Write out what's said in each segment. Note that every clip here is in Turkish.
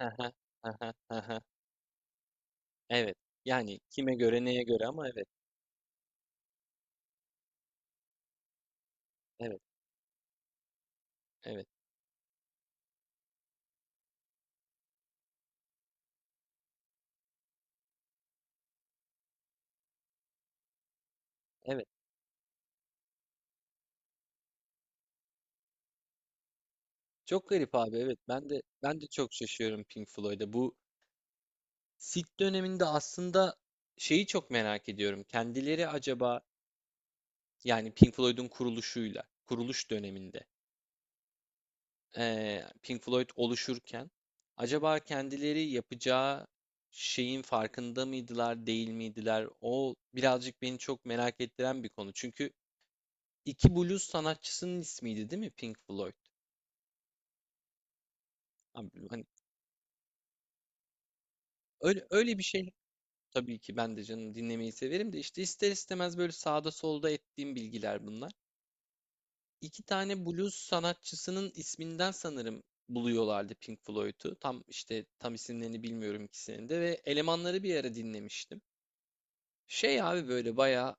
Hı hı, hı hı, hı hı. Evet. Yani kime göre neye göre ama evet. Evet. Evet. Evet. Çok garip abi evet. Ben de çok şaşıyorum Pink Floyd'a. Bu Sid döneminde aslında şeyi çok merak ediyorum. Kendileri acaba yani Pink Floyd'un kuruluşuyla, kuruluş döneminde Pink Floyd oluşurken acaba kendileri yapacağı şeyin farkında mıydılar, değil miydiler? O birazcık beni çok merak ettiren bir konu. Çünkü 2 blues sanatçısının ismiydi değil mi Pink Floyd? Abi, hani öyle bir şey, tabii ki ben de canım dinlemeyi severim de işte ister istemez böyle sağda solda ettiğim bilgiler bunlar. İki tane blues sanatçısının isminden sanırım buluyorlardı Pink Floyd'u. Tam işte isimlerini bilmiyorum ikisinin de ve elemanları bir ara dinlemiştim. Şey abi böyle bayağı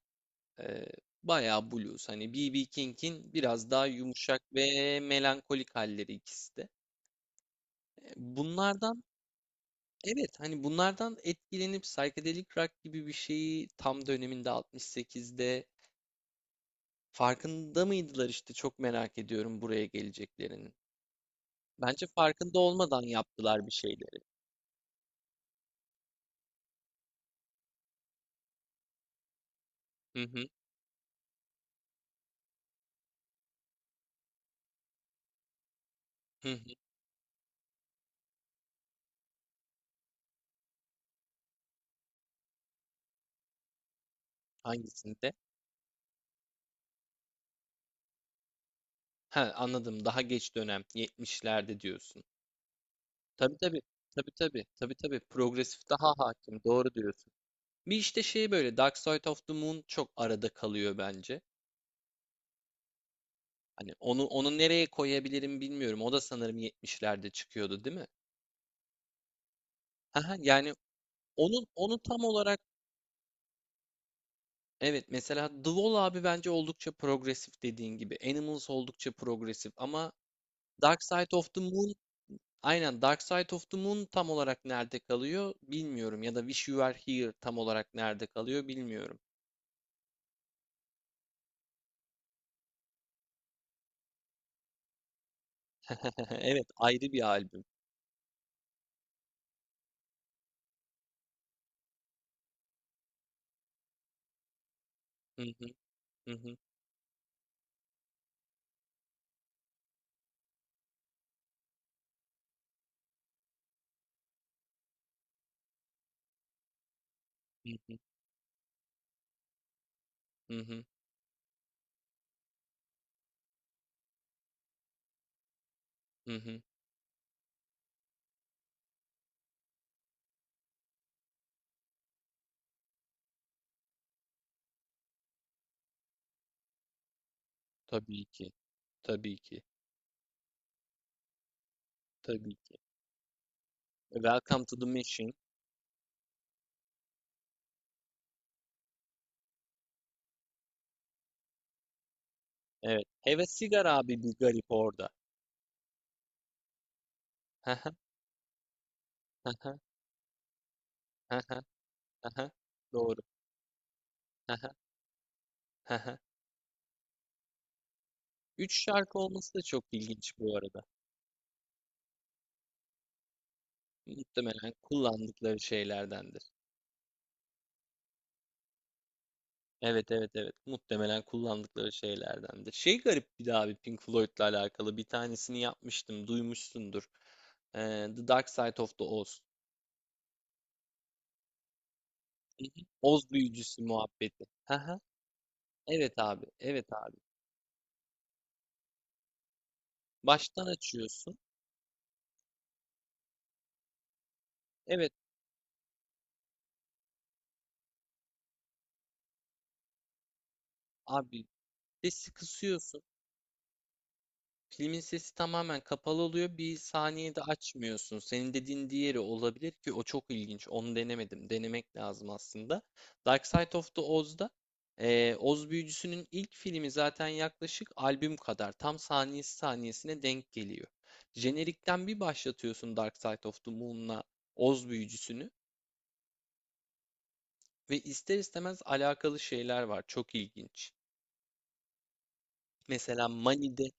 e, bayağı blues. Hani B.B. King'in biraz daha yumuşak ve melankolik halleri ikisi de. E, Bunlardan Evet, hani bunlardan etkilenip psychedelic rock gibi bir şeyi tam döneminde 68'de farkında mıydılar işte, çok merak ediyorum buraya geleceklerinin. Bence farkında olmadan yaptılar bir şeyleri. Hı hı, hı hı. Hangisinde? Ha, anladım, daha geç dönem 70'lerde diyorsun. Tabii tabii tabii tabii progresif daha hakim, doğru diyorsun. Bir işte şey, böyle Dark Side of the Moon çok arada kalıyor bence. Hani onu nereye koyabilirim bilmiyorum. O da sanırım yetmişlerde çıkıyordu, değil mi? Haha, yani onun tam olarak evet, mesela The Wall abi bence oldukça progresif dediğin gibi. Animals oldukça progresif ama Dark Side of the Moon aynen Dark Side of the Moon tam olarak nerede kalıyor bilmiyorum, ya da Wish You Were Here tam olarak nerede kalıyor bilmiyorum. Evet, ayrı bir albüm. Hı hı, hı hı, hı hı, hı hı. Tabii ki. Tabii ki. Tabii ki. Welcome to the Mission. Evet. Heves sigara abi bir garip orada. Hıhı, hıhı, hıhı, hıhı. Doğru. Hıhı, hıhı. Üç şarkı olması da çok ilginç bu arada. Muhtemelen kullandıkları şeylerdendir. Evet, evet, evet. Muhtemelen kullandıkları şeylerdendir. Şey garip bir de abi, Pink Floyd'la alakalı bir tanesini yapmıştım. Duymuşsundur. Ee, The Dark Side of the Oz. Hı hı. Oz büyücüsü muhabbeti. Hıhı. Evet abi. Evet abi. Baştan açıyorsun. Evet abi. Sesi kısıyorsun. Pilin sesi tamamen kapalı oluyor. Bir saniyede açmıyorsun. Senin dediğin diğeri olabilir ki o çok ilginç. Onu denemedim. Denemek lazım aslında. Dark Side of the Oz'da Oz Büyücüsü'nün ilk filmi zaten yaklaşık albüm kadar. Tam saniyesi saniyesine denk geliyor. Jenerikten bir başlatıyorsun Dark Side of the Moon'la Oz Büyücüsü'nü ve ister istemez alakalı şeyler var. Çok ilginç. Mesela Mani'de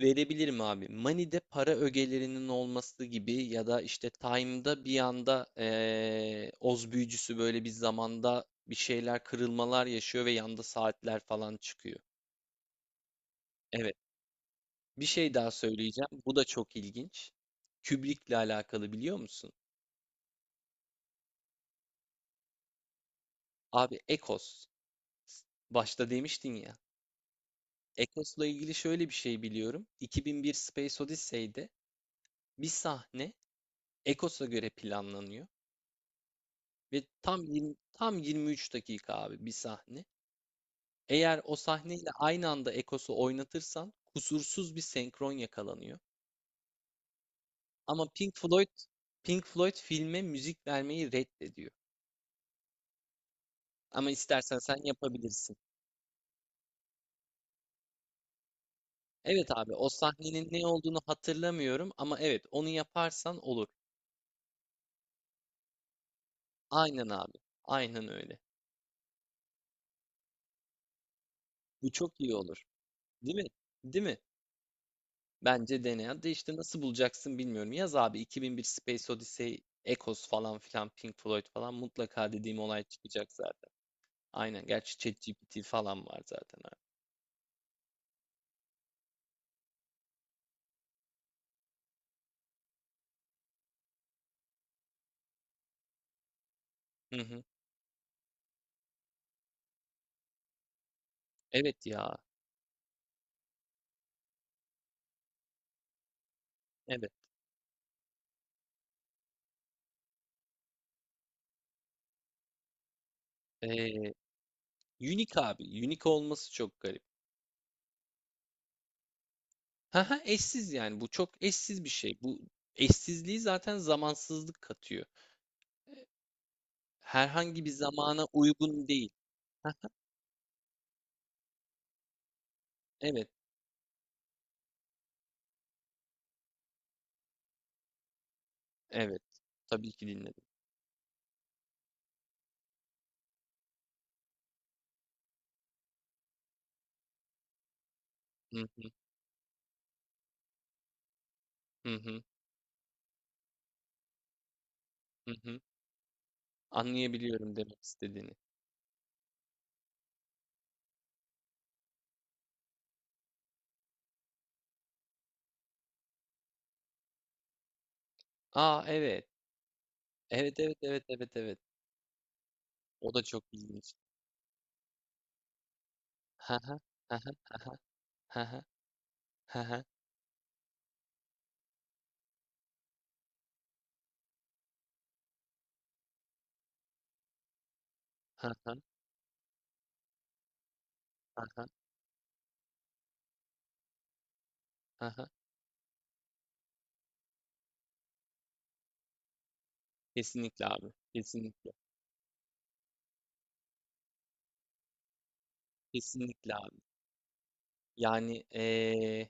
Verebilirim abi. Money'de para ögelerinin olması gibi, ya da işte Time'da bir anda Oz büyücüsü böyle bir zamanda bir şeyler, kırılmalar yaşıyor ve yanda saatler falan çıkıyor. Evet. Bir şey daha söyleyeceğim. Bu da çok ilginç. Kubrick'le alakalı biliyor musun? Abi Ekos. Başta demiştin ya. Ekos'la ilgili şöyle bir şey biliyorum. 2001 Space Odyssey'de bir sahne Ekos'a göre planlanıyor. Ve tam 23 dakika abi bir sahne. Eğer o sahneyle aynı anda Ekos'u oynatırsan kusursuz bir senkron yakalanıyor. Ama Pink Floyd filme müzik vermeyi reddediyor. Ama istersen sen yapabilirsin. Evet abi, o sahnenin ne olduğunu hatırlamıyorum ama evet, onu yaparsan olur. Aynen abi. Aynen öyle. Bu çok iyi olur. Değil mi? Değil mi? Bence dene, de işte nasıl bulacaksın bilmiyorum. Yaz abi 2001 Space Odyssey, Echoes falan filan, Pink Floyd falan, mutlaka dediğim olay çıkacak zaten. Aynen. Gerçi ChatGPT falan var zaten abi. Hı hı. Evet ya. Evet. Ee, unique abi. Unique olması çok garip. Haha, eşsiz yani. Bu çok eşsiz bir şey. Bu eşsizliği zaten zamansızlık katıyor. Herhangi bir zamana uygun değil. Evet. Evet. Tabii ki dinledim. Hı hı. Hı hı. Hı hı. Anlayabiliyorum demek istediğini. A! Evet. Evet, evet, evet, evet, evet. O da çok ilginç. Hı hı. Hı hı. Hı hı. Hı hı. Hı hı. Hı hı. Hı hı. Hı Kesinlikle abi. Kesinlikle. Kesinlikle abi. Yani,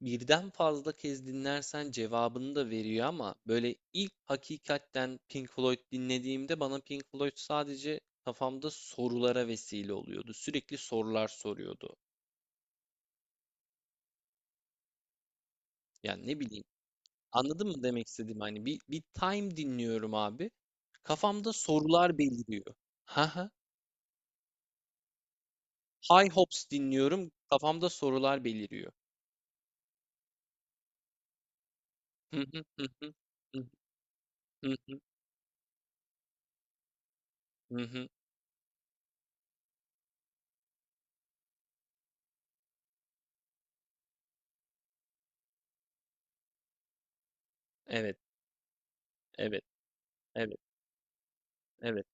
birden fazla kez dinlersen cevabını da veriyor, ama böyle ilk hakikatten Pink Floyd dinlediğimde bana Pink Floyd sadece kafamda sorulara vesile oluyordu. Sürekli sorular soruyordu. Yani ne bileyim Anladın mı demek istediğim? Hani bir time dinliyorum abi. Kafamda sorular beliriyor. Hı hı. High Hopes dinliyorum. Kafamda sorular beliriyor. Hı hı, hı hı. Hı hı, hı hı, hı. Evet, evet, evet, evet.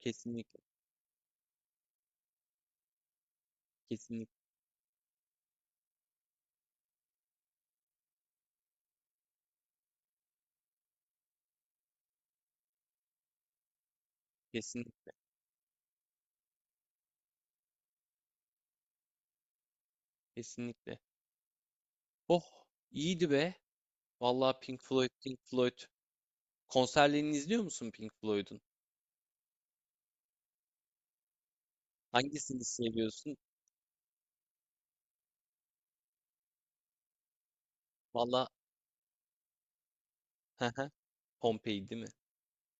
Kesinlikle, kesinlikle, kesinlikle, kesinlikle. Oh, iyiydi be. Vallahi Pink Floyd, Pink Floyd. Konserlerini izliyor musun Pink Floyd'un? Hangisini seviyorsun? Vallahi, hı hı. Pompei değil mi?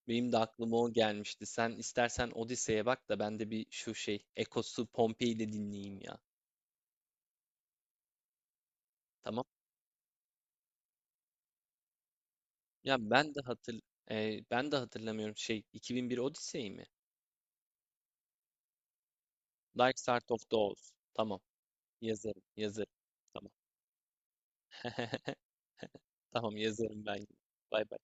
Benim de aklıma o gelmişti. Sen istersen Odise'ye bak da ben de bir şu şey Ekos'u, Pompei'yi de dinleyeyim ya. Tamam. Ya ben de hatır ben de hatırlamıyorum, şey, 2001 Odise'yi mi? Dark Side of the Oz. Tamam. Yazarım, yazarım. Tamam. Tamam, yazarım ben. Bay bay.